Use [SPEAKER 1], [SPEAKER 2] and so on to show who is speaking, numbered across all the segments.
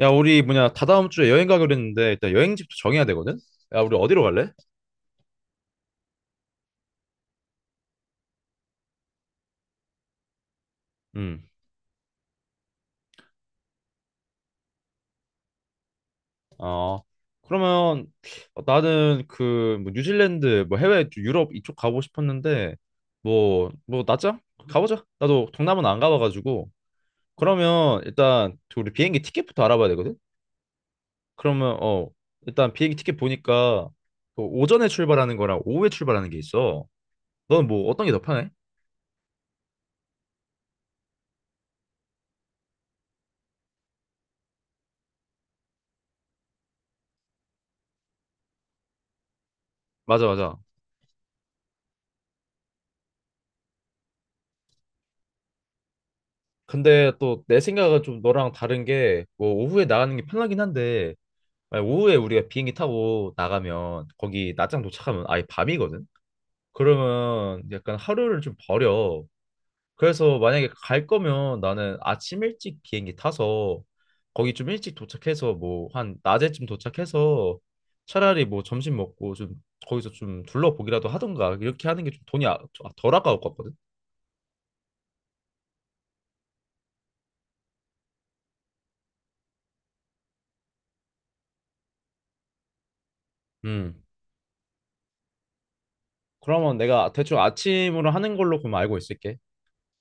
[SPEAKER 1] 야, 다다음 주에 여행 가기로 했는데, 일단 여행지부터 정해야 되거든? 야, 우리 어디로 갈래? 음. 어, 그러면 나는 뉴질랜드, 해외, 유럽 이쪽 가고 싶었는데, 낮자? 가보자. 나도 동남아는 안 가봐가지고. 그러면 일단, 그 우리 비행기 티켓부터 알아봐야 되거든? 그러면, 일단 비행기 티켓 보니까, 그 오전에 출발하는 거랑 오후에 출발하는 게 있어. 너는 어떤 게 더 편해? 맞아, 맞아. 근데 또 내 생각은 좀 너랑 다른 게 뭐 오후에 나가는 게 편하긴 한데 만약 오후에 우리가 비행기 타고 나가면 거기 낮장 도착하면 아예 밤이거든. 그러면 약간 하루를 좀 버려. 그래서 만약에 갈 거면 나는 아침 일찍 비행기 타서 거기 좀 일찍 도착해서 뭐 한 낮에쯤 도착해서 차라리 뭐 점심 먹고 좀 거기서 좀 둘러보기라도 하던가 이렇게 하는 게 덜 아까울 것 같거든. 음. 그러면 내가 대충 아침으로 하는 걸로 그럼 알고 있을게.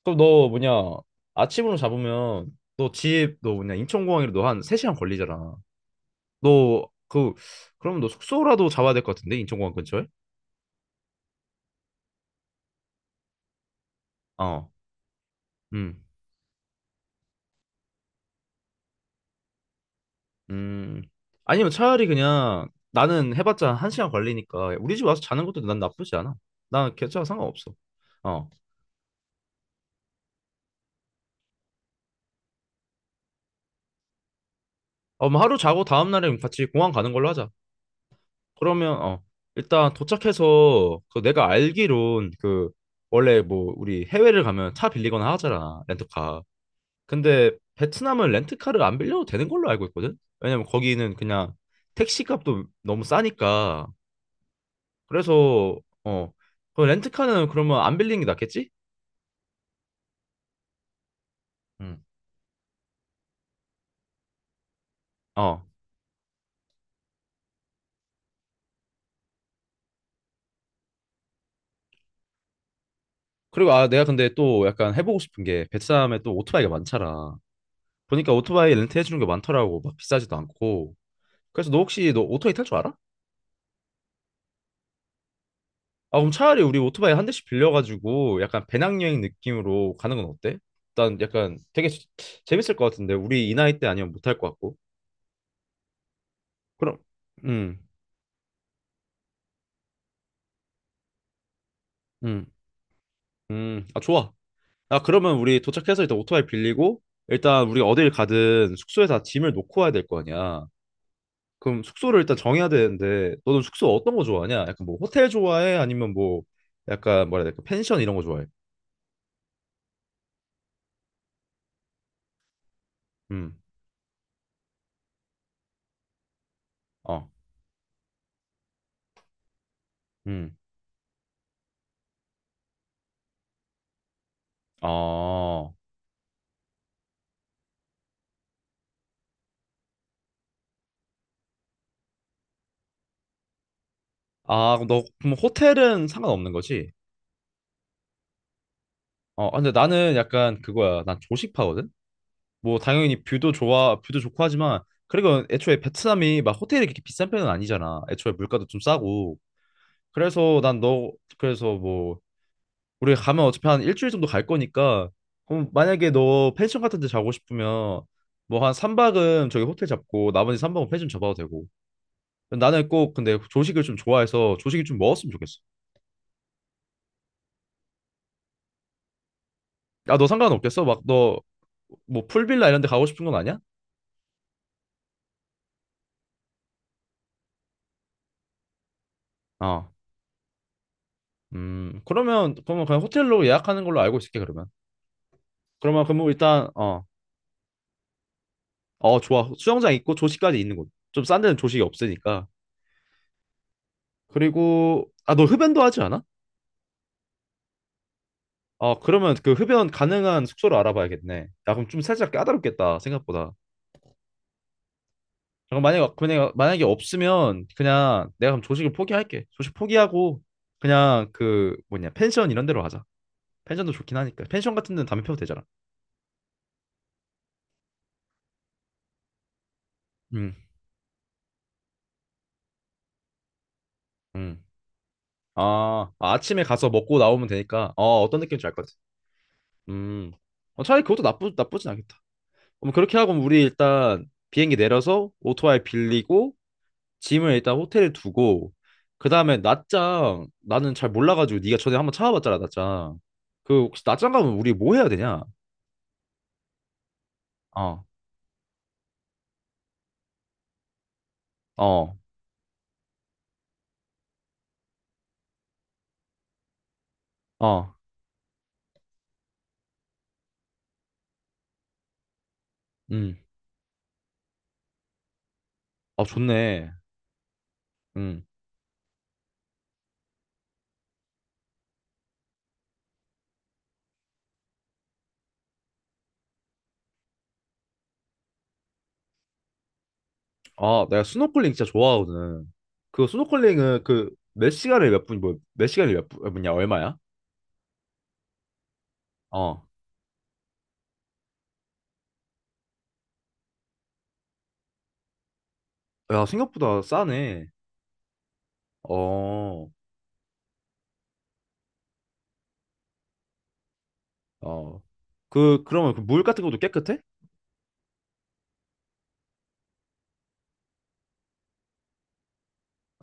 [SPEAKER 1] 그럼 너 뭐냐 아침으로 잡으면 너 집 너 뭐냐 인천공항이라 너한 3시간 걸리잖아. 너 그 그럼 너 숙소라도 잡아야 될 것 같은데 인천공항 근처에. 어 음 음 아니면 차라리 그냥 나는 해봤자 한시간 걸리니까 우리 집 와서 자는 것도 난 나쁘지 않아. 난 괜찮아, 상관없어. 어. 어, 뭐 하루 자고 다음날에 같이 공항 가는 걸로 하자. 그러면 일단 도착해서 그 내가 알기론 그 원래 뭐 우리 해외를 가면 차 빌리거나 하잖아, 렌터카. 근데 베트남은 렌트카를 안 빌려도 되는 걸로 알고 있거든? 왜냐면 거기는 그냥 택시 값도 너무 싸니까. 그래서, 그 렌트카는 그러면 안 빌리는 게 낫겠지? 응. 어. 그리고 아, 내가 근데 또 약간 해보고 싶은 게 베트남에 또 오토바이가 많잖아. 보니까 오토바이 렌트해주는 게 많더라고. 막 비싸지도 않고. 그래서 너 오토바이 탈 줄 알아? 아, 그럼 차라리 우리 오토바이 한 대씩 빌려가지고 약간 배낭여행 느낌으로 가는 건 어때? 일단 약간 재밌을 것 같은데 우리 이 나이 때 아니면 못할 것 같고. 그럼, 음, 음, 아, 좋아. 아, 그러면 우리 도착해서 일단 오토바이 빌리고, 일단 우리 어딜 가든 숙소에다 짐을 놓고 와야 될 거 아니야. 그럼 숙소를 일단 정해야 되는데, 너는 숙소 어떤 거 좋아하냐? 약간 뭐 호텔 좋아해? 약간 뭐라 해야 될까? 펜션 이런 거 좋아해? 음, 어, 음, 어. 아, 그럼 호텔은 상관없는 거지? 아, 근데 나는 약간 그거야. 난 조식파거든? 뭐 당연히 뷰도 좋아, 뷰도 좋고 하지만 그리고 애초에 베트남이 막 호텔이 그렇게 비싼 편은 아니잖아. 애초에 물가도 좀 싸고. 그래서 난 너 그래서 뭐 우리 가면 어차피 한 일주일 정도 갈 거니까 그럼 만약에 너 펜션 같은 데 자고 싶으면 뭐 한 3박은 저기 호텔 잡고 나머지 3박은 펜션 잡아도 되고. 나는 꼭 근데 조식을 좀 좋아해서 조식이 좀 먹었으면 좋겠어. 야, 너 상관없겠어? 막 너 뭐 풀빌라 이런 데 가고 싶은 건 아니야? 어. 그러면 그냥 호텔로 예약하는 걸로 알고 있을게 그러면. 그러면 일단 어 좋아. 수영장 있고 조식까지 있는 곳. 좀 싼 데는 조식이 없으니까. 그리고 아 너 흡연도 하지 않아? 어 그러면 그 흡연 가능한 숙소를 알아봐야겠네. 야 그럼 좀 살짝 까다롭겠다, 생각보다. 그럼 만약에 없으면 그냥 내가 그럼 조식을 포기할게. 조식 포기하고 그냥 그 뭐냐 펜션 이런 데로 하자. 펜션도 좋긴 하니까. 펜션 같은 데는 담배 피워도 되잖아. 음 음. 아, 아침에 가서 먹고 나오면 되니까. 어 어떤 느낌인지 알 것 같아. 음. 어, 차라리 그것도 나쁘진 않겠다. 그럼 그렇게 하고 우리 일단 비행기 내려서 오토바이 빌리고 짐을 일단 호텔에 두고 그 다음에 낮장 나는 잘 몰라가지고 네가 전에 한번 찾아봤잖아, 낮장. 그 혹시 낮장 가면 우리 뭐 해야 되냐? 어, 어, 어, 음, 아 좋네, 음, 아 내가 스노클링 진짜 좋아하거든. 그 스노클링은 몇 시간에 몇 분, 몇 분이야 얼마야? 어, 야 생각보다 싸네. 어, 어, 그 그러면 그 물 같은 것도 깨끗해?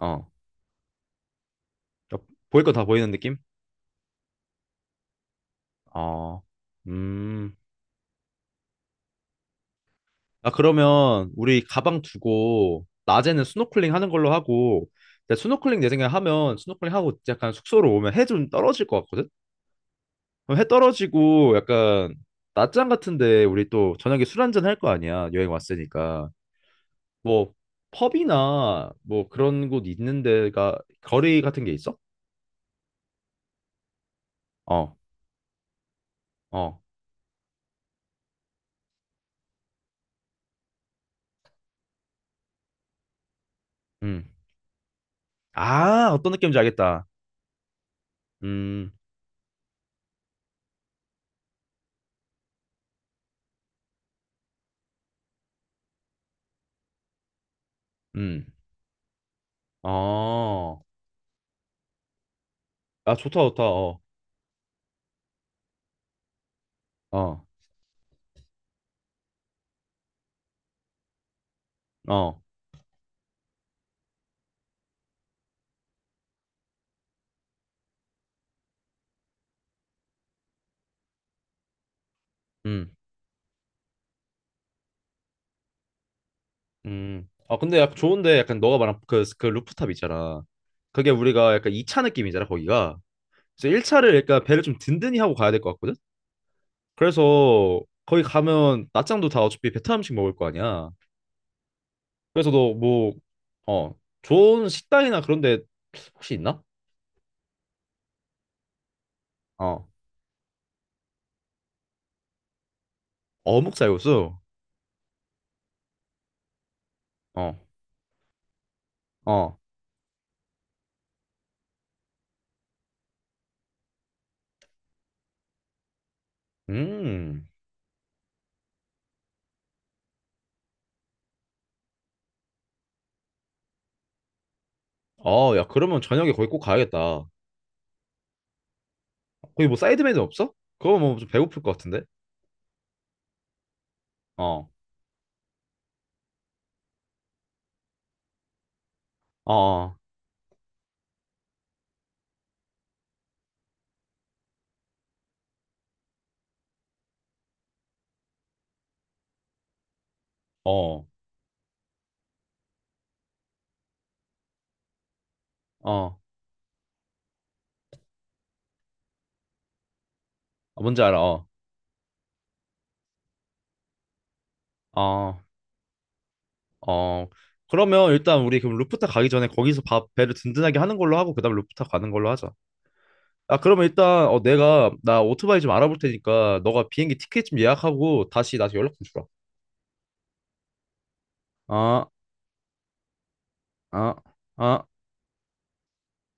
[SPEAKER 1] 어. 그러니까 보일 거 다 보이는 느낌? 어, 음. 아, 그러면 우리 가방 두고 낮에는 스노클링 하는 걸로 하고, 근데 스노클링 내 생각에 하면 스노클링 하고 약간 숙소로 오면 해 좀 떨어질 것 같거든? 그럼 해 떨어지고 약간 낮잠 같은데 우리 또 저녁에 술 한잔 할 거 아니야? 여행 왔으니까. 뭐 펍이나 뭐 그런 곳 있는 데가 거리 같은 게 있어? 어, 어, 음. 아, 어떤 느낌인지 알겠다. 음, 음. 어. 아, 좋다, 좋다. 어, 어, 음, 아, 근데 약간 좋은데 약간 너가 말한 그 루프탑 있잖아. 그게 우리가 약간 2차 느낌이잖아, 거기가. 그래서 1차를 약간 배를 좀 든든히 하고 가야 될 것 같거든? 그래서 거기 가면 낮장도 다 어차피 베트남 음식 먹을 거 아니야. 그래서 어, 좋은 식당이나 그런 데 혹시 있나? 어, 어묵 쌀국수? 어, 어. 음. 어 야, 그러면 저녁에 거기 꼭 가야겠다. 거기 뭐 사이드 메뉴 없어? 그거 뭐좀 배고플 것 같은데? 어, 어, 어, 어, 어, 뭔지 알아, 어, 어. 그러면 일단 우리 그럼 루프탑 가기 전에 거기서 밥 배를 든든하게 하는 걸로 하고 그다음 루프탑 가는 걸로 하자. 아 그러면 일단 내가 나 오토바이 좀 알아볼 테니까 너가 비행기 티켓 좀 예약하고 다시 나한테 연락 좀 주라. 아, 아, 아.